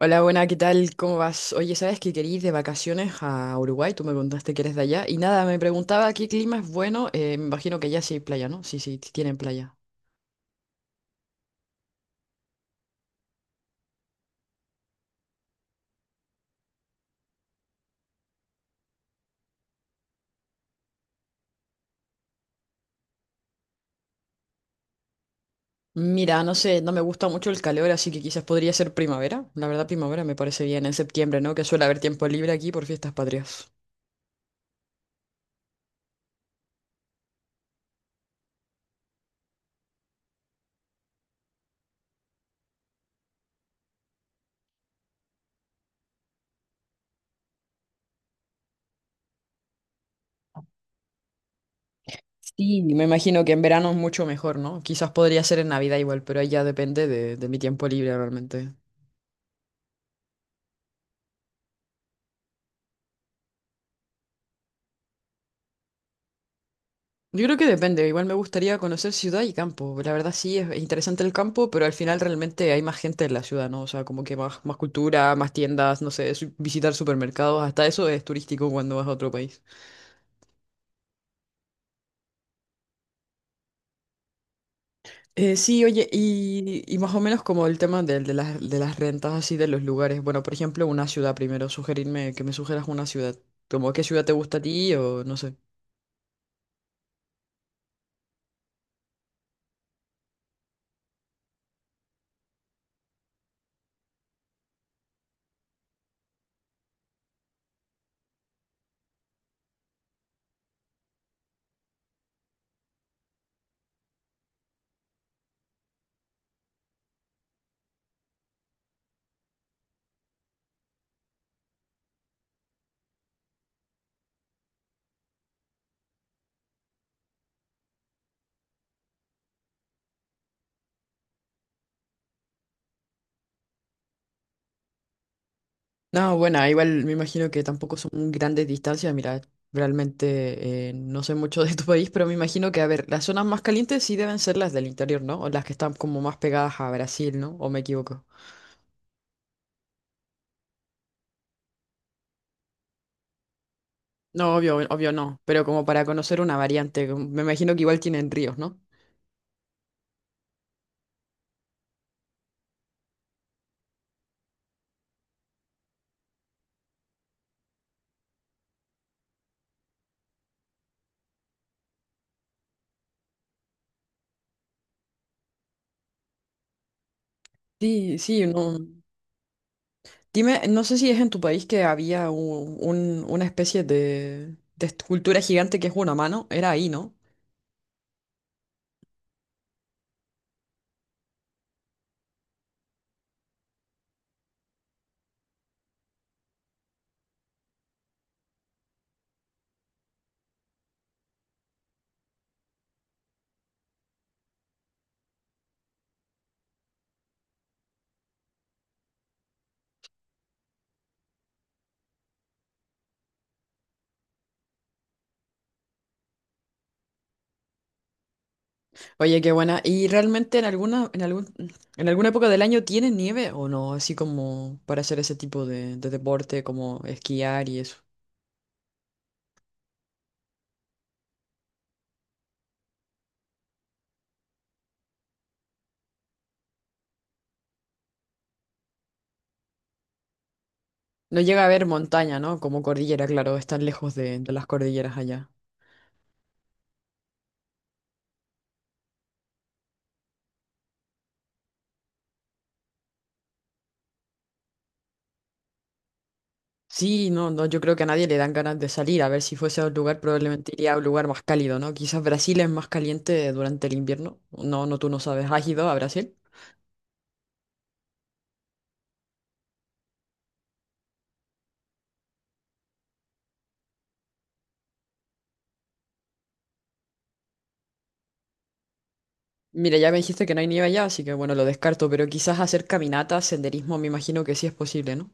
Hola, buena, ¿qué tal? ¿Cómo vas? Oye, ¿sabes que quería ir de vacaciones a Uruguay? Tú me contaste que eres de allá. Y nada, me preguntaba qué clima es bueno. Me imagino que allá sí hay playa, ¿no? Sí, sí, tienen playa. Mira, no sé, no me gusta mucho el calor, así que quizás podría ser primavera. La verdad, primavera me parece bien en septiembre, ¿no? Que suele haber tiempo libre aquí por fiestas patrias. Sí, me imagino que en verano es mucho mejor, ¿no? Quizás podría ser en Navidad igual, pero ahí ya depende de mi tiempo libre realmente. Yo creo que depende, igual me gustaría conocer ciudad y campo. La verdad sí, es interesante el campo, pero al final realmente hay más gente en la ciudad, ¿no? O sea, como que más, más cultura, más tiendas, no sé, visitar supermercados, hasta eso es turístico cuando vas a otro país. Sí, oye, y más o menos como el tema de las rentas así de los lugares. Bueno, por ejemplo, una ciudad primero, sugerirme que me sugieras una ciudad. Como qué ciudad te gusta a ti o no sé. No, bueno, igual me imagino que tampoco son grandes distancias. Mira, realmente no sé mucho de tu país, pero me imagino que, a ver, las zonas más calientes sí deben ser las del interior, ¿no? O las que están como más pegadas a Brasil, ¿no? ¿O me equivoco? No, obvio, obvio no, pero como para conocer una variante, me imagino que igual tienen ríos, ¿no? Sí, sí, no. Dime, no sé si es en tu país que había una especie de escultura gigante que es una mano, era ahí, ¿no? Oye, qué buena. ¿Y realmente en alguna época del año tiene nieve o no? Así como para hacer ese tipo de deporte, como esquiar y eso. No llega a haber montaña, ¿no? Como cordillera, claro, están lejos de las cordilleras allá. Sí, no, no, yo creo que a nadie le dan ganas de salir. A ver, si fuese a un lugar, probablemente iría a un lugar más cálido, ¿no? Quizás Brasil es más caliente durante el invierno. No, no, tú no sabes. ¿Has ido a Brasil? Mira, ya me dijiste que no hay nieve allá, así que bueno, lo descarto, pero quizás hacer caminatas, senderismo, me imagino que sí es posible, ¿no?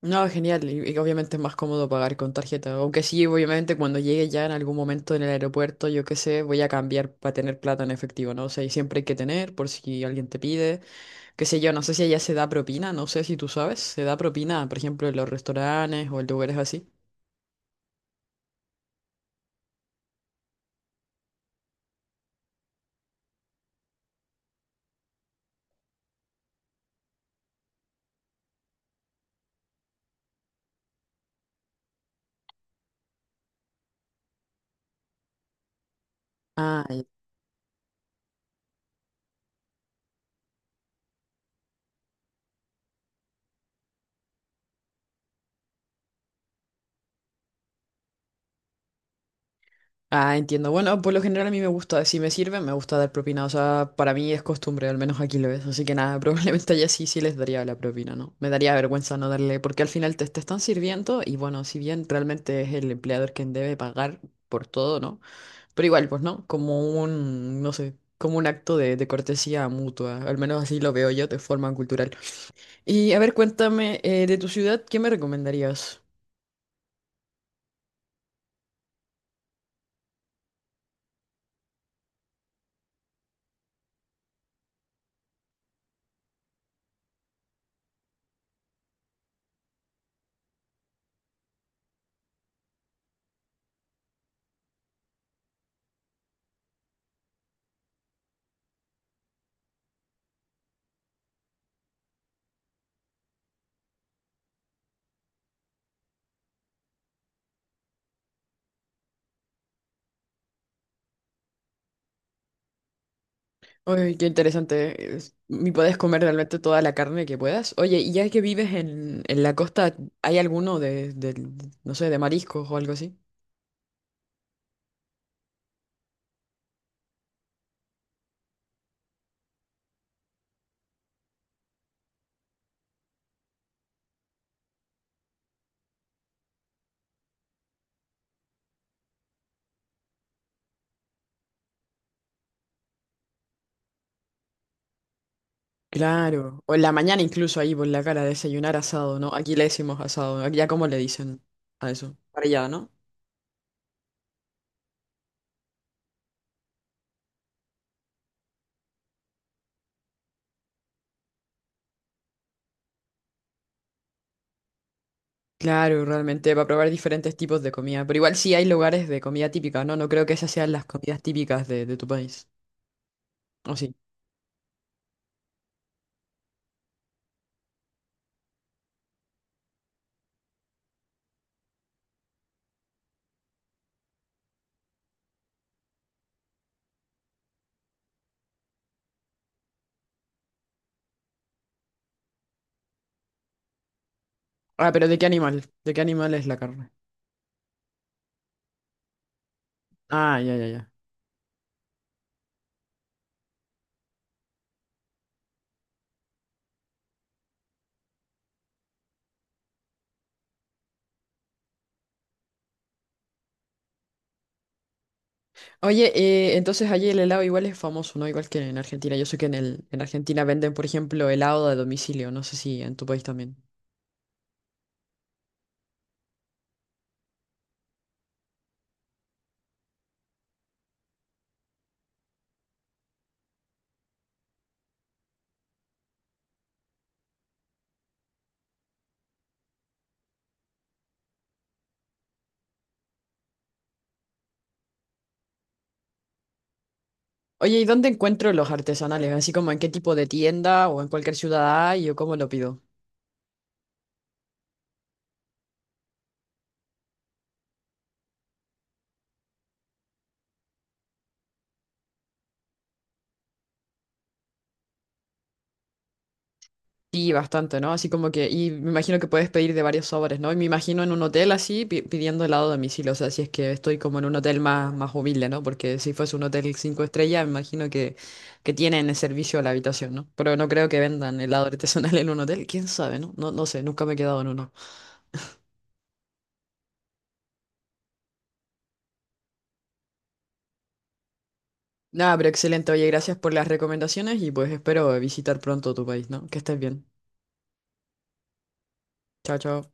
No, genial. Y obviamente es más cómodo pagar con tarjeta. Aunque sí, obviamente cuando llegue ya en algún momento en el aeropuerto, yo qué sé, voy a cambiar para tener plata en efectivo, ¿no? O sea, y siempre hay que tener por si alguien te pide, qué sé yo, no sé si allá se da propina, no sé si tú sabes, se da propina, por ejemplo, en los restaurantes o en lugares así. Ah. Ah, entiendo. Bueno, por lo general a mí me gusta, si me sirve, me gusta dar propina. O sea, para mí es costumbre, al menos aquí lo es. Así que nada, probablemente allá sí, sí les daría la propina, ¿no? Me daría vergüenza no darle, porque al final te, te están sirviendo y bueno, si bien realmente es el empleador quien debe pagar por todo, ¿no? Pero igual, pues, ¿no? Como un, no sé, como un acto de cortesía mutua. Al menos así lo veo yo de forma cultural. Y a ver, cuéntame, de tu ciudad, ¿qué me recomendarías? Uy, qué interesante. Y puedes comer realmente toda la carne que puedas. Oye, y ya que vives en la costa, ¿hay alguno no sé, de mariscos o algo así? Claro. O en la mañana incluso ahí por la cara, desayunar asado, ¿no? Aquí le decimos asado. Aquí ya como le dicen a eso. Parrillada, ¿no? Claro, realmente, para probar diferentes tipos de comida. Pero igual sí hay lugares de comida típica, ¿no? No creo que esas sean las comidas típicas de tu país. ¿O sí? Ah, pero ¿de qué animal? ¿De qué animal es la carne? Ah, ya, ya, ya. Oye, entonces allí el helado igual es famoso, ¿no? Igual que en Argentina. Yo sé que en Argentina venden, por ejemplo, helado de domicilio. No sé si en tu país también. Oye, ¿y dónde encuentro los artesanales? Así como en qué tipo de tienda o en cualquier ciudad hay o cómo lo pido. Sí, bastante, ¿no? Así como que, y me imagino que puedes pedir de varios sabores, ¿no? Y me imagino en un hotel así pidiendo helado a domicilio, o sea, si es que estoy como en un hotel más, más humilde, ¿no? Porque si fuese un hotel 5 estrellas, me imagino que tienen el servicio a la habitación, ¿no? Pero no creo que vendan helado artesanal en un hotel, quién sabe, ¿no? No, no sé, nunca me he quedado en uno. Nada, pero excelente, oye, gracias por las recomendaciones y pues espero visitar pronto tu país, ¿no? Que estés bien. Chao, chao.